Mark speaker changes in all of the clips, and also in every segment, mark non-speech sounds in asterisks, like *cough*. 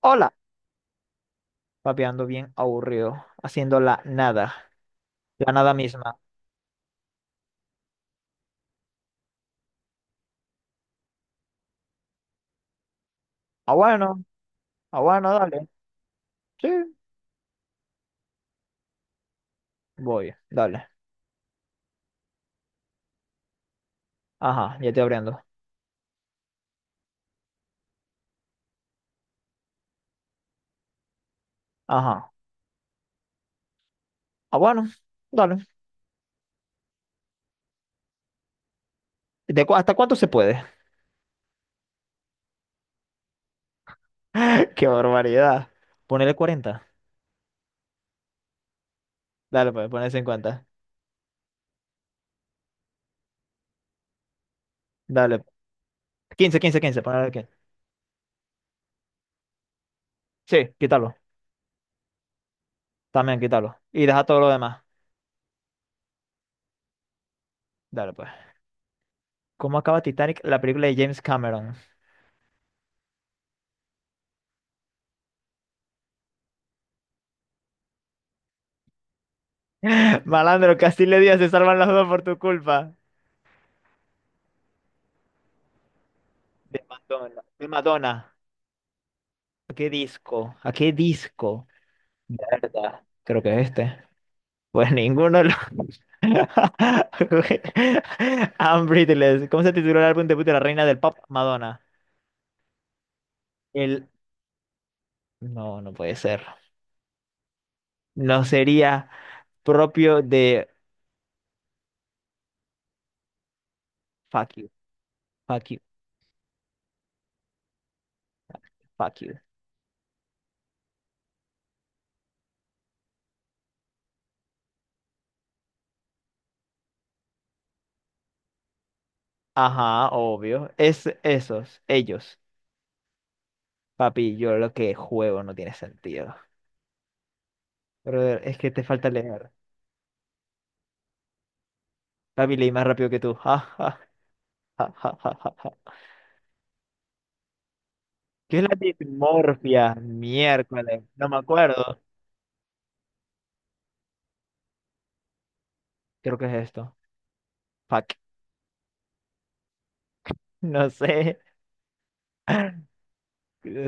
Speaker 1: Hola, papi, ando bien aburrido, haciendo la nada misma. Ah, bueno, ah, bueno, dale. Sí, voy, dale. Ajá, ya estoy abriendo. Ajá, ah, bueno, dale. ¿Hasta cuánto se puede? *laughs* ¡Qué barbaridad! Ponele 40. Dale, pues, ponele 50. Dale. Quince, 15, 15, ponele 15. Sí, quítalo. También quítalo. Y deja todo lo demás. Dale, pues. ¿Cómo acaba Titanic, la película de James Cameron? *laughs* Malandro, Castile Díaz, se salvan los dos por tu culpa. De Madonna. De Madonna. ¿A qué disco? ¿A qué disco? ¿Verdad? Creo que es este. Pues ninguno lo... *laughs* I'm Breathless. ¿Cómo se tituló el álbum debut de la reina del pop, Madonna? El... No, no puede ser. No sería propio de... Fuck you, fuck you, fuck you. Ajá, obvio. Es esos, ellos. Papi, yo lo que juego no tiene sentido. Brother, es que te falta leer. Papi, leí más rápido que tú. *laughs* ¿Qué es la dimorfia? Miércoles. No me acuerdo. Creo que es esto. Fuck. *laughs* No sé.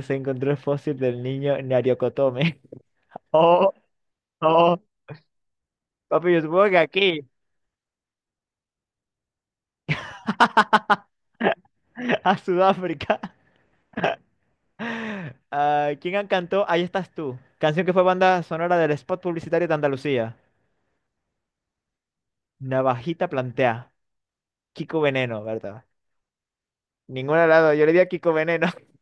Speaker 1: Se encontró el fósil del niño Nariokotome. *laughs* Oh, oh. Papi, yo supongo que aquí. *laughs* A Sudáfrica. Ah, ¿quién cantó? Ahí estás tú. Canción que fue banda sonora del spot publicitario de Andalucía. Navajita plantea. Kiko Veneno, ¿verdad? Ninguna de las dos. Yo le di a Kiko Veneno. *laughs*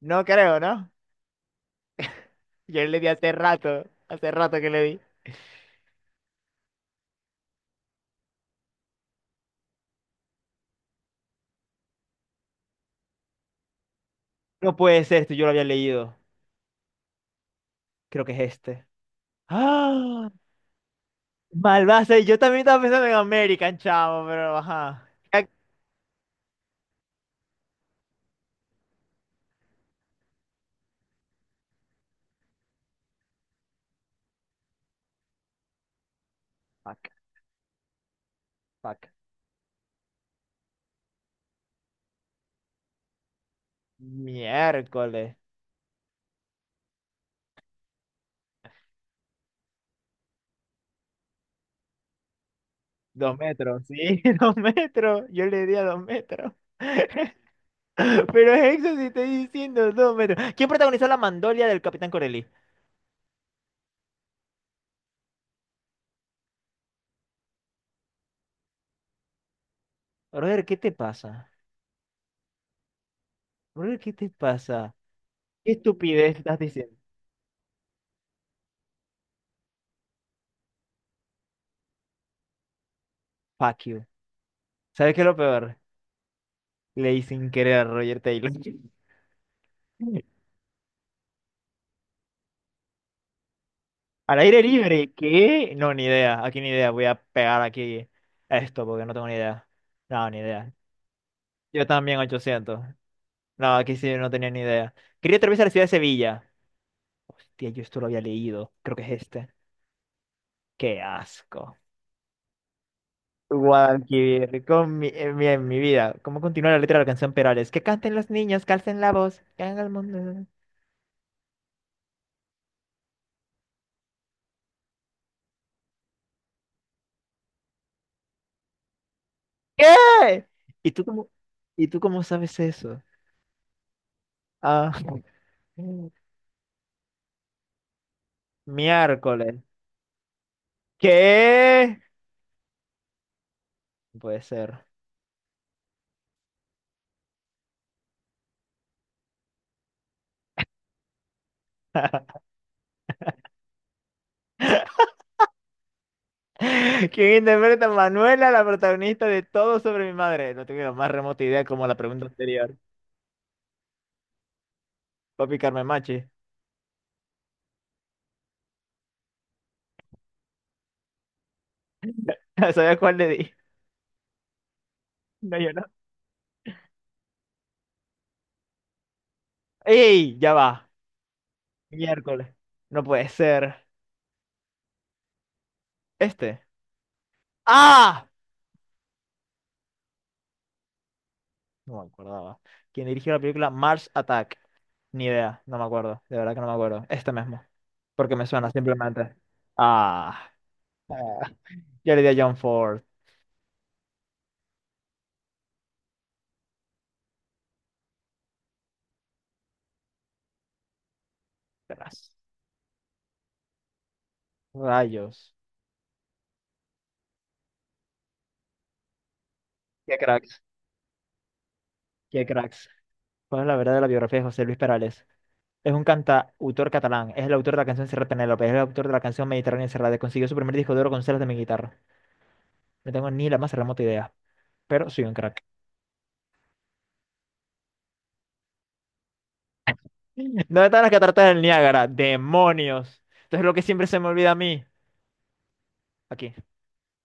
Speaker 1: No creo, ¿no? Yo le di hace rato. Hace rato que le di. No puede ser esto, yo lo había leído. Creo que es este. ¡Ah! Malvase, yo también estaba pensando en American, chavo, pero ajá. Fuck, fuck. Miércoles. 2 metros, sí, *laughs* 2 metros. Yo le di a 2 metros. *laughs* Pero eso sí estoy diciendo 2 metros. ¿Quién protagonizó la mandolia del Capitán Corelli? Brother, ¿qué te pasa? Brother, ¿qué te pasa? ¿Qué estupidez estás diciendo? Fuck you. ¿Sabes qué es lo peor? Leí sin querer a Roger Taylor. *laughs* Al aire libre, ¿qué? No, ni idea. Aquí ni idea. Voy a pegar aquí esto porque no tengo ni idea. No, ni idea. Yo también 800. No, aquí sí no tenía ni idea. Quería atravesar la ciudad de Sevilla. Hostia, yo esto lo había leído. Creo que es este. Qué asco. Guadalquivir, en mi vida. ¿Cómo continúa la letra de la canción Perales? Que canten los niños, calcen la voz, que hagan el mundo. ¿Qué? ¿Y tú cómo, ¿y tú cómo sabes eso? Ah, *laughs* miércoles. ¿Qué? Puede ser. *laughs* ¿Quién interpreta a Manuela, la protagonista de Todo sobre mi madre? No tengo la más remota idea, como la pregunta anterior. Papi, Carmen Machi. *laughs* ¿Sabías cuál le di? No, yo no. ¡Ey! Ya va. Miércoles. No puede ser. Este. ¡Ah! No me acordaba. ¿Quién dirigió la película Mars Attack? Ni idea. No me acuerdo. De verdad que no me acuerdo. Este mismo. Porque me suena simplemente. Ah. Ah. Yo le di a John Ford. Tras. Rayos. Qué cracks. Qué cracks. ¿Cuál es la verdad de la biografía de José Luis Perales? Es un cantautor catalán, es el autor de la canción Serrat Penélope, es el autor de la canción Mediterránea Encerrada, consiguió su primer disco de oro con celos de mi guitarra. No tengo ni la más remota idea, pero soy un crack. *laughs* ¿Dónde están las cataratas del Niágara? ¡Demonios! Entonces lo que siempre se me olvida a mí. Aquí,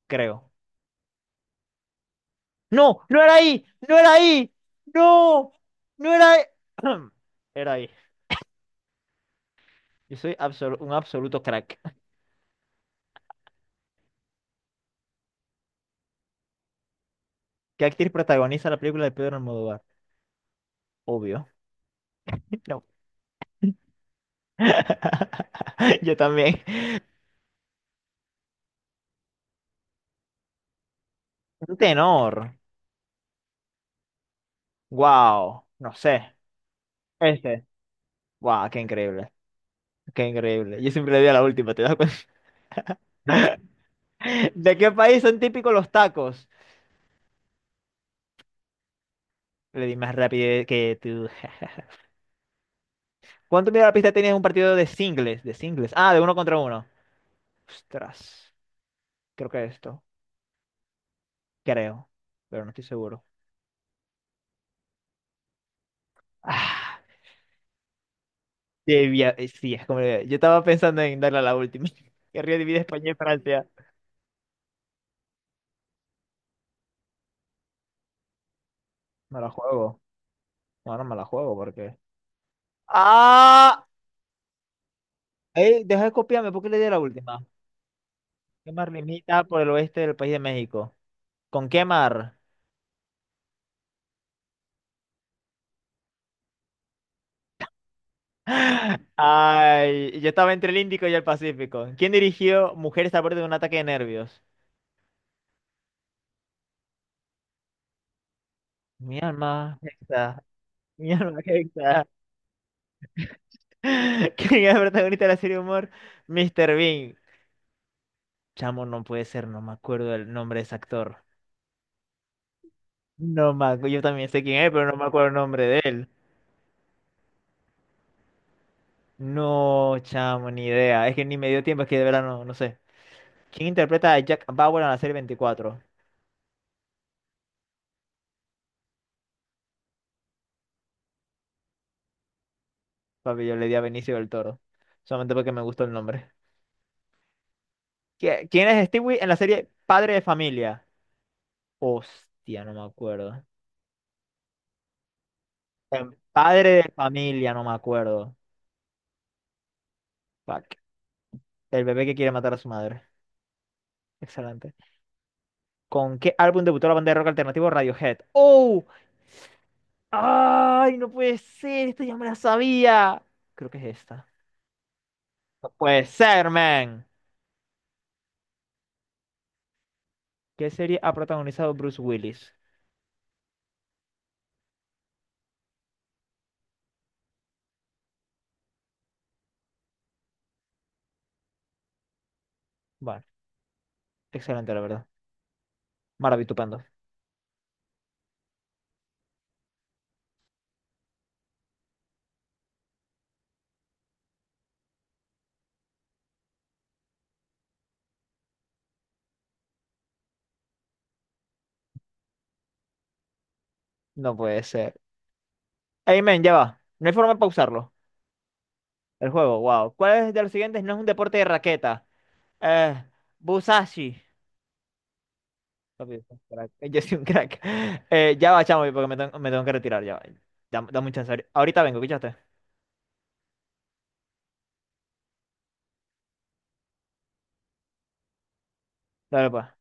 Speaker 1: creo. ¡No! ¡No era ahí! ¡No era ahí! ¡No! ¡No era ahí! *clears throat* Era ahí. Yo soy un absoluto crack. ¿Qué actriz protagoniza la película de Pedro Almodóvar? Obvio. *laughs* No. *laughs* Yo también. Un tenor. Wow. No sé. Este. Wow, qué increíble. Qué increíble. Yo siempre le di a la última, ¿te das cuenta? *laughs* ¿De qué país son típicos los tacos? Le di más rápido que tú. *laughs* ¿Cuánto mide la pista tenías en un partido de singles? De singles. Ah, de uno contra uno. Ostras. Creo que esto. Creo. Pero no estoy seguro. Ah, sí, es como. Yo estaba pensando en darle a la última. *laughs* Querría dividir España y Francia. Me la juego. No, no me la juego porque. Ah, ey, deja de copiarme, ¿por qué le di a la última? ¿Qué mar limita por el oeste del país de México? ¿Con qué mar? *gasps* *laughs* ay, yo estaba entre el Índico y el Pacífico. ¿Quién dirigió Mujeres a borde de un ataque de nervios? Mi alma, Hexa, mi alma Hexa. *laughs* ¿Quién es el protagonista de la serie de humor? Mr. Bean. Chamo, no puede ser, no me acuerdo el nombre de ese actor. No me acu- yo también sé quién es, pero no me acuerdo el nombre de él. No, chamo, ni idea. Es que ni me dio tiempo, es que de verdad no, no sé. ¿Quién interpreta a Jack Bauer en la serie 24? Papi, yo le di a Benicio del Toro. Solamente porque me gustó el nombre. ¿Quién es Stewie en la serie Padre de Familia? Hostia, no me acuerdo. En Padre de Familia, no me acuerdo. Fuck. El bebé que quiere matar a su madre. Excelente. ¿Con qué álbum debutó la banda de rock alternativo Radiohead? ¡Oh! ¡Ay, no puede ser! Esto ya me la sabía. Creo que es esta. No puede ser, man. ¿Qué serie ha protagonizado Bruce Willis? Bueno, excelente, la verdad. Maravitupendo. No puede ser. Ey, men, ya va. No hay forma de pausarlo. El juego, wow. ¿Cuál es de los siguientes no es un deporte de raqueta? Eh, Busashi. Papi, yo soy un crack. *laughs* Yo soy un crack. Ya va, chamo, porque me tengo que retirar, ya va. Dame, dame un chance. Ahorita vengo, ¿escuchaste? Dale, pues.